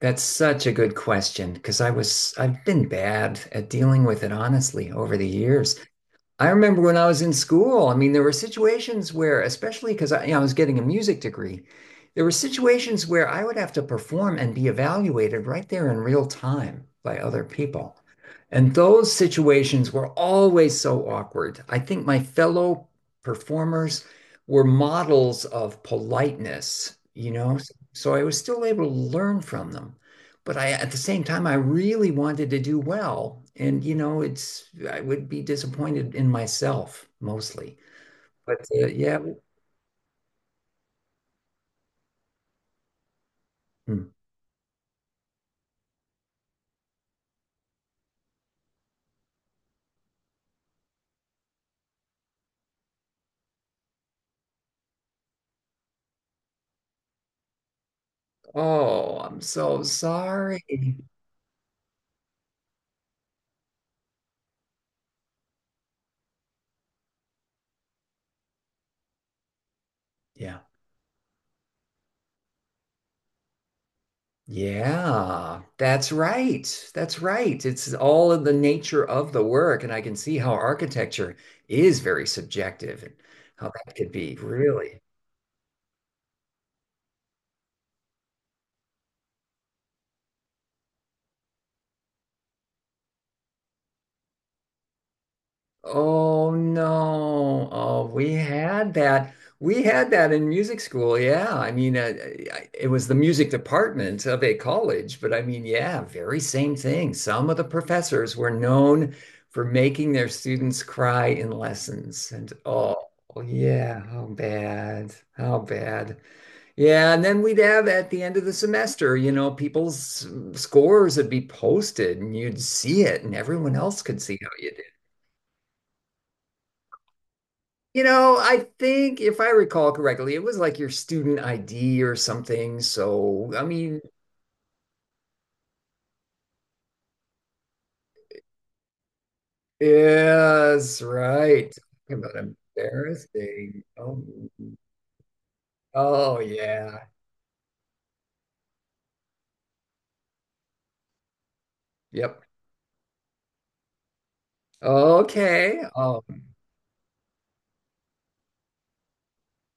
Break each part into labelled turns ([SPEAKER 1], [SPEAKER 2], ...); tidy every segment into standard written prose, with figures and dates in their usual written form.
[SPEAKER 1] That's such a good question because I've been bad at dealing with it honestly over the years. I remember when I was in school. I mean, there were situations where, especially because I, you know, I was getting a music degree, there were situations where I would have to perform and be evaluated right there in real time by other people. And those situations were always so awkward. I think my fellow performers were models of politeness, you know, so I was still able to learn from them. But I at the same time I really wanted to do well, and you know it's I would be disappointed in myself mostly. But yeah, mm. Oh, I'm so sorry. Yeah. Yeah, that's right. That's right. It's all of the nature of the work, and I can see how architecture is very subjective, and how that could be really. Oh no. Oh, we had that. We had that in music school. Yeah. I- it was the music department of a college, but I mean, yeah, very same thing. Some of the professors were known for making their students cry in lessons. And oh, yeah, how bad. How bad. Yeah. And then we'd have, at the end of the semester, you know, people's scores would be posted and you'd see it and everyone else could see how you— you know, I think if I recall correctly, it was like your student ID or something. So, I mean, yes, right. Talking about embarrassing. Oh, oh yeah. Yep. Okay.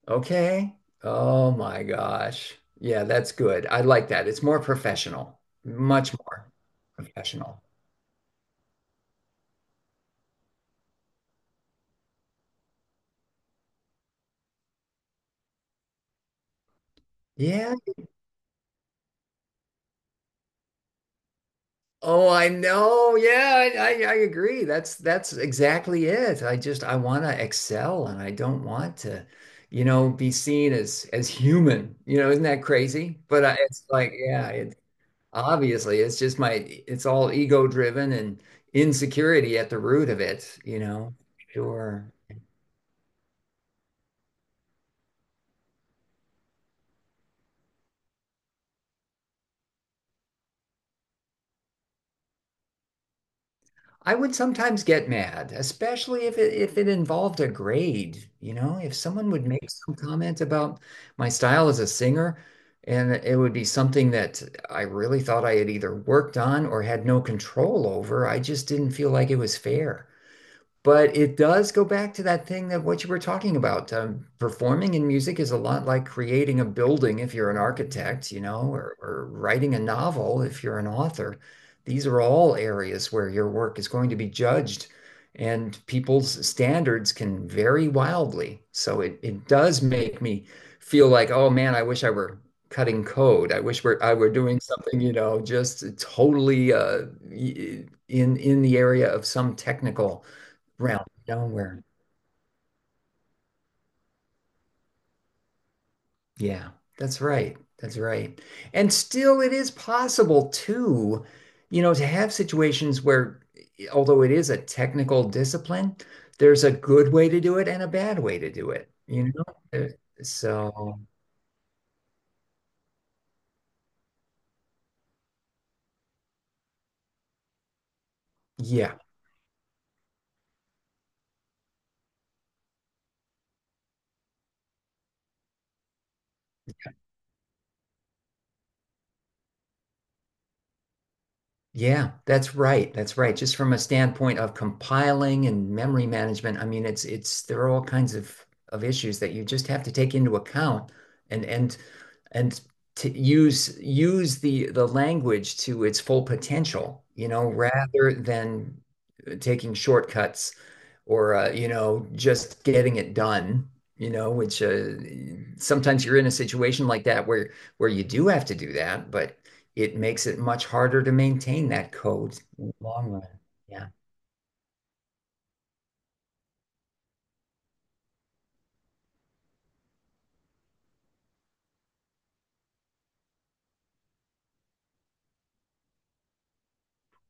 [SPEAKER 1] Okay. Oh my gosh. Yeah, that's good. I like that. It's more professional, much more professional. Yeah. Oh, I know. Yeah, I agree. That's exactly it. I want to excel and I don't want to, you know, be seen as human. You know, isn't that crazy? But I, it's like, yeah, it, obviously it's just my— it's all ego driven and insecurity at the root of it, you know. Sure. I would sometimes get mad, especially if it involved a grade, you know, if someone would make some comment about my style as a singer, and it would be something that I really thought I had either worked on or had no control over. I just didn't feel like it was fair. But it does go back to that thing that what you were talking about. Performing in music is a lot like creating a building if you're an architect, you know, or writing a novel if you're an author. These are all areas where your work is going to be judged, and people's standards can vary wildly. So it does make me feel like, oh man, I wish I were cutting code. I were doing something, you know, just totally in the area of some technical realm nowhere. Yeah, that's right. That's right. And still, it is possible too, you know, to have situations where, although it is a technical discipline, there's a good way to do it and a bad way to do it, you know? Uh, So, yeah. Yeah, that's right. That's right. Just from a standpoint of compiling and memory management, I mean, it's there are all kinds of issues that you just have to take into account and and and to use the language to its full potential, you know, rather than taking shortcuts, or you know, just getting it done, you know, which sometimes you're in a situation like that where you do have to do that, but it makes it much harder to maintain that code in the long run. Yeah,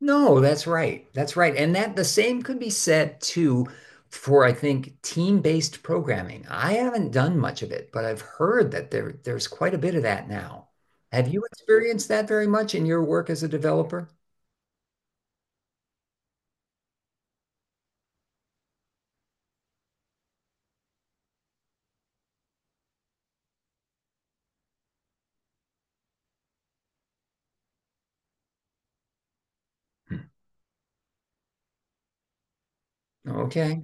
[SPEAKER 1] no, that's right, that's right. And that the same could be said too for, I think, team-based programming. I haven't done much of it, but I've heard that there's quite a bit of that now. Have you experienced that very much in your work as a developer? Hmm. Okay.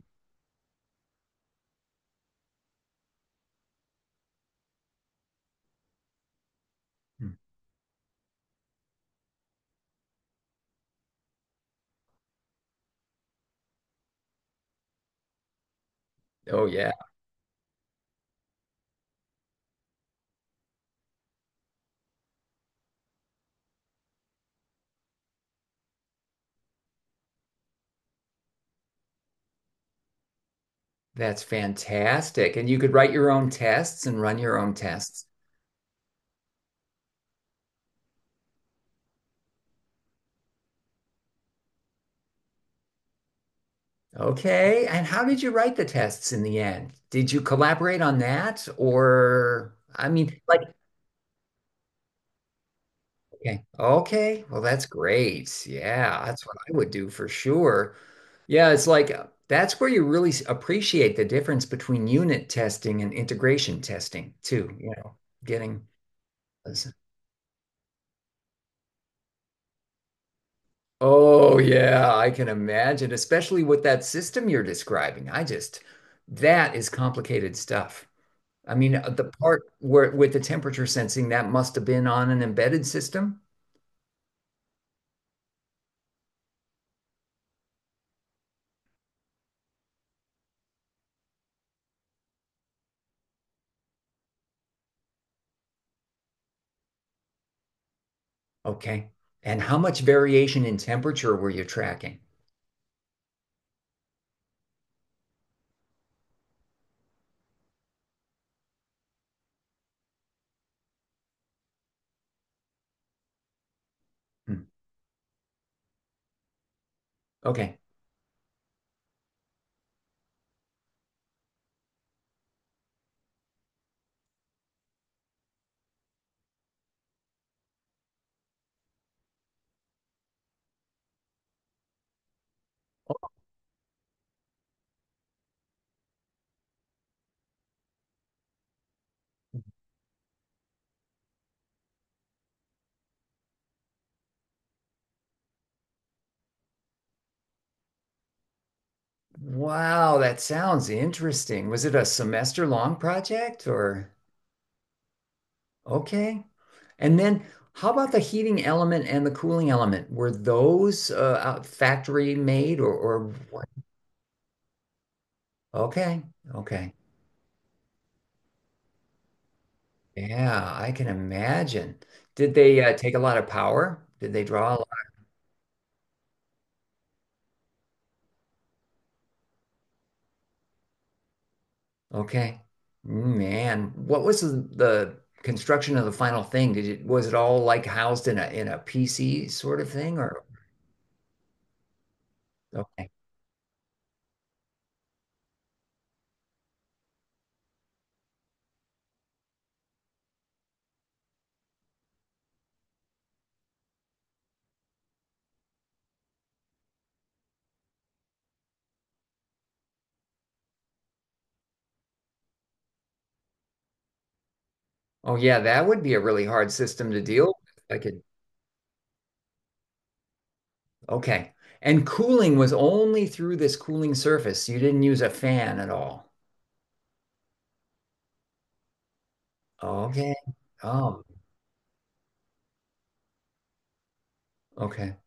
[SPEAKER 1] Hmm. Oh yeah. That's fantastic. And you could write your own tests and run your own tests. Okay. And how did you write the tests in the end? Did you collaborate on that? Or, I mean, like, okay. Okay. Well, that's great. Yeah. That's what I would do for sure. Yeah. It's like, that's where you really s- appreciate the difference between unit testing and integration testing, too. You know, getting uh, oh yeah, I can imagine, especially with that system you're describing. That is complicated stuff. I mean, the part where with the temperature sensing, that must have been on an embedded system. Okay. And how much variation in temperature were you tracking? Hmm. Okay. Wow, that sounds interesting. Was it a semester long project or? Okay. And then how about the heating element and the cooling element? Were those factory made, or okay. Okay. Yeah, I can imagine. Did they take a lot of power? Did they draw a lot? Okay. Man, what was the construction of the final thing? Did it was it all like housed in a PC sort of thing or okay. Oh yeah, that would be a really hard system to deal with. I could okay. And cooling was only through this cooling surface. You didn't use a fan at all. Okay. Oh, okay.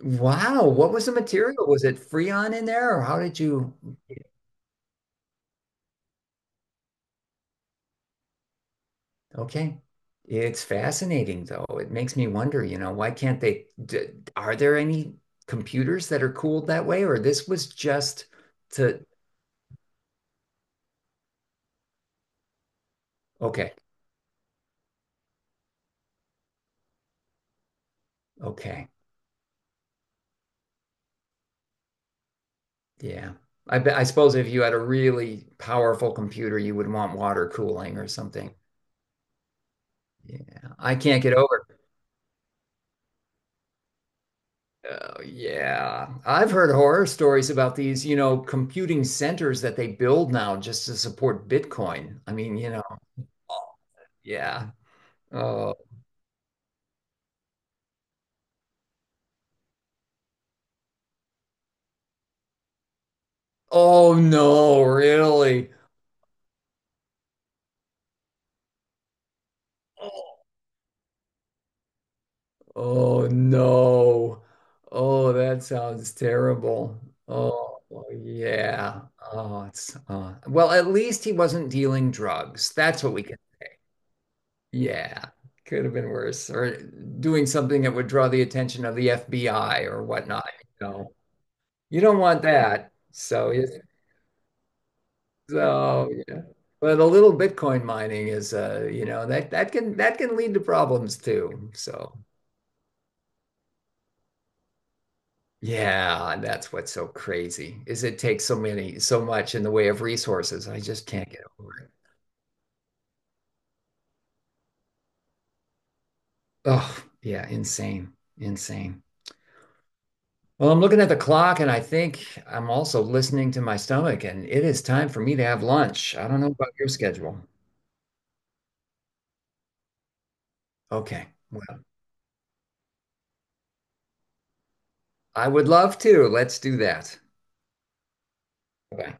[SPEAKER 1] Wow, what was the material? Was it Freon in there, or how did you? Okay, it's fascinating though. It makes me wonder, you know, why can't they? D— are there any computers that are cooled that way, or this was just to? Okay, okay, yeah. I bet. I suppose if you had a really powerful computer, you would want water cooling or something. Yeah, I can't get over. Oh, yeah. I've heard horror stories about these, you know, computing centers that they build now just to support Bitcoin. I mean, you know, yeah. Oh, oh no, really? Oh no. Oh, that sounds terrible. Oh, yeah. Oh, it's well, at least he wasn't dealing drugs. That's what we can. Yeah, could have been worse. Or doing something that would draw the attention of the FBI or whatnot. You know, you don't want that. So, so yeah. But a little Bitcoin mining is, you know, that can lead to problems too. So, yeah, that's what's so crazy is it takes so many so much in the way of resources. I just can't get over it. Oh, yeah, insane, insane. Well, I'm looking at the clock and I think I'm also listening to my stomach, and it is time for me to have lunch. I don't know about your schedule. Okay. Well, I would love to. Let's do that. Bye.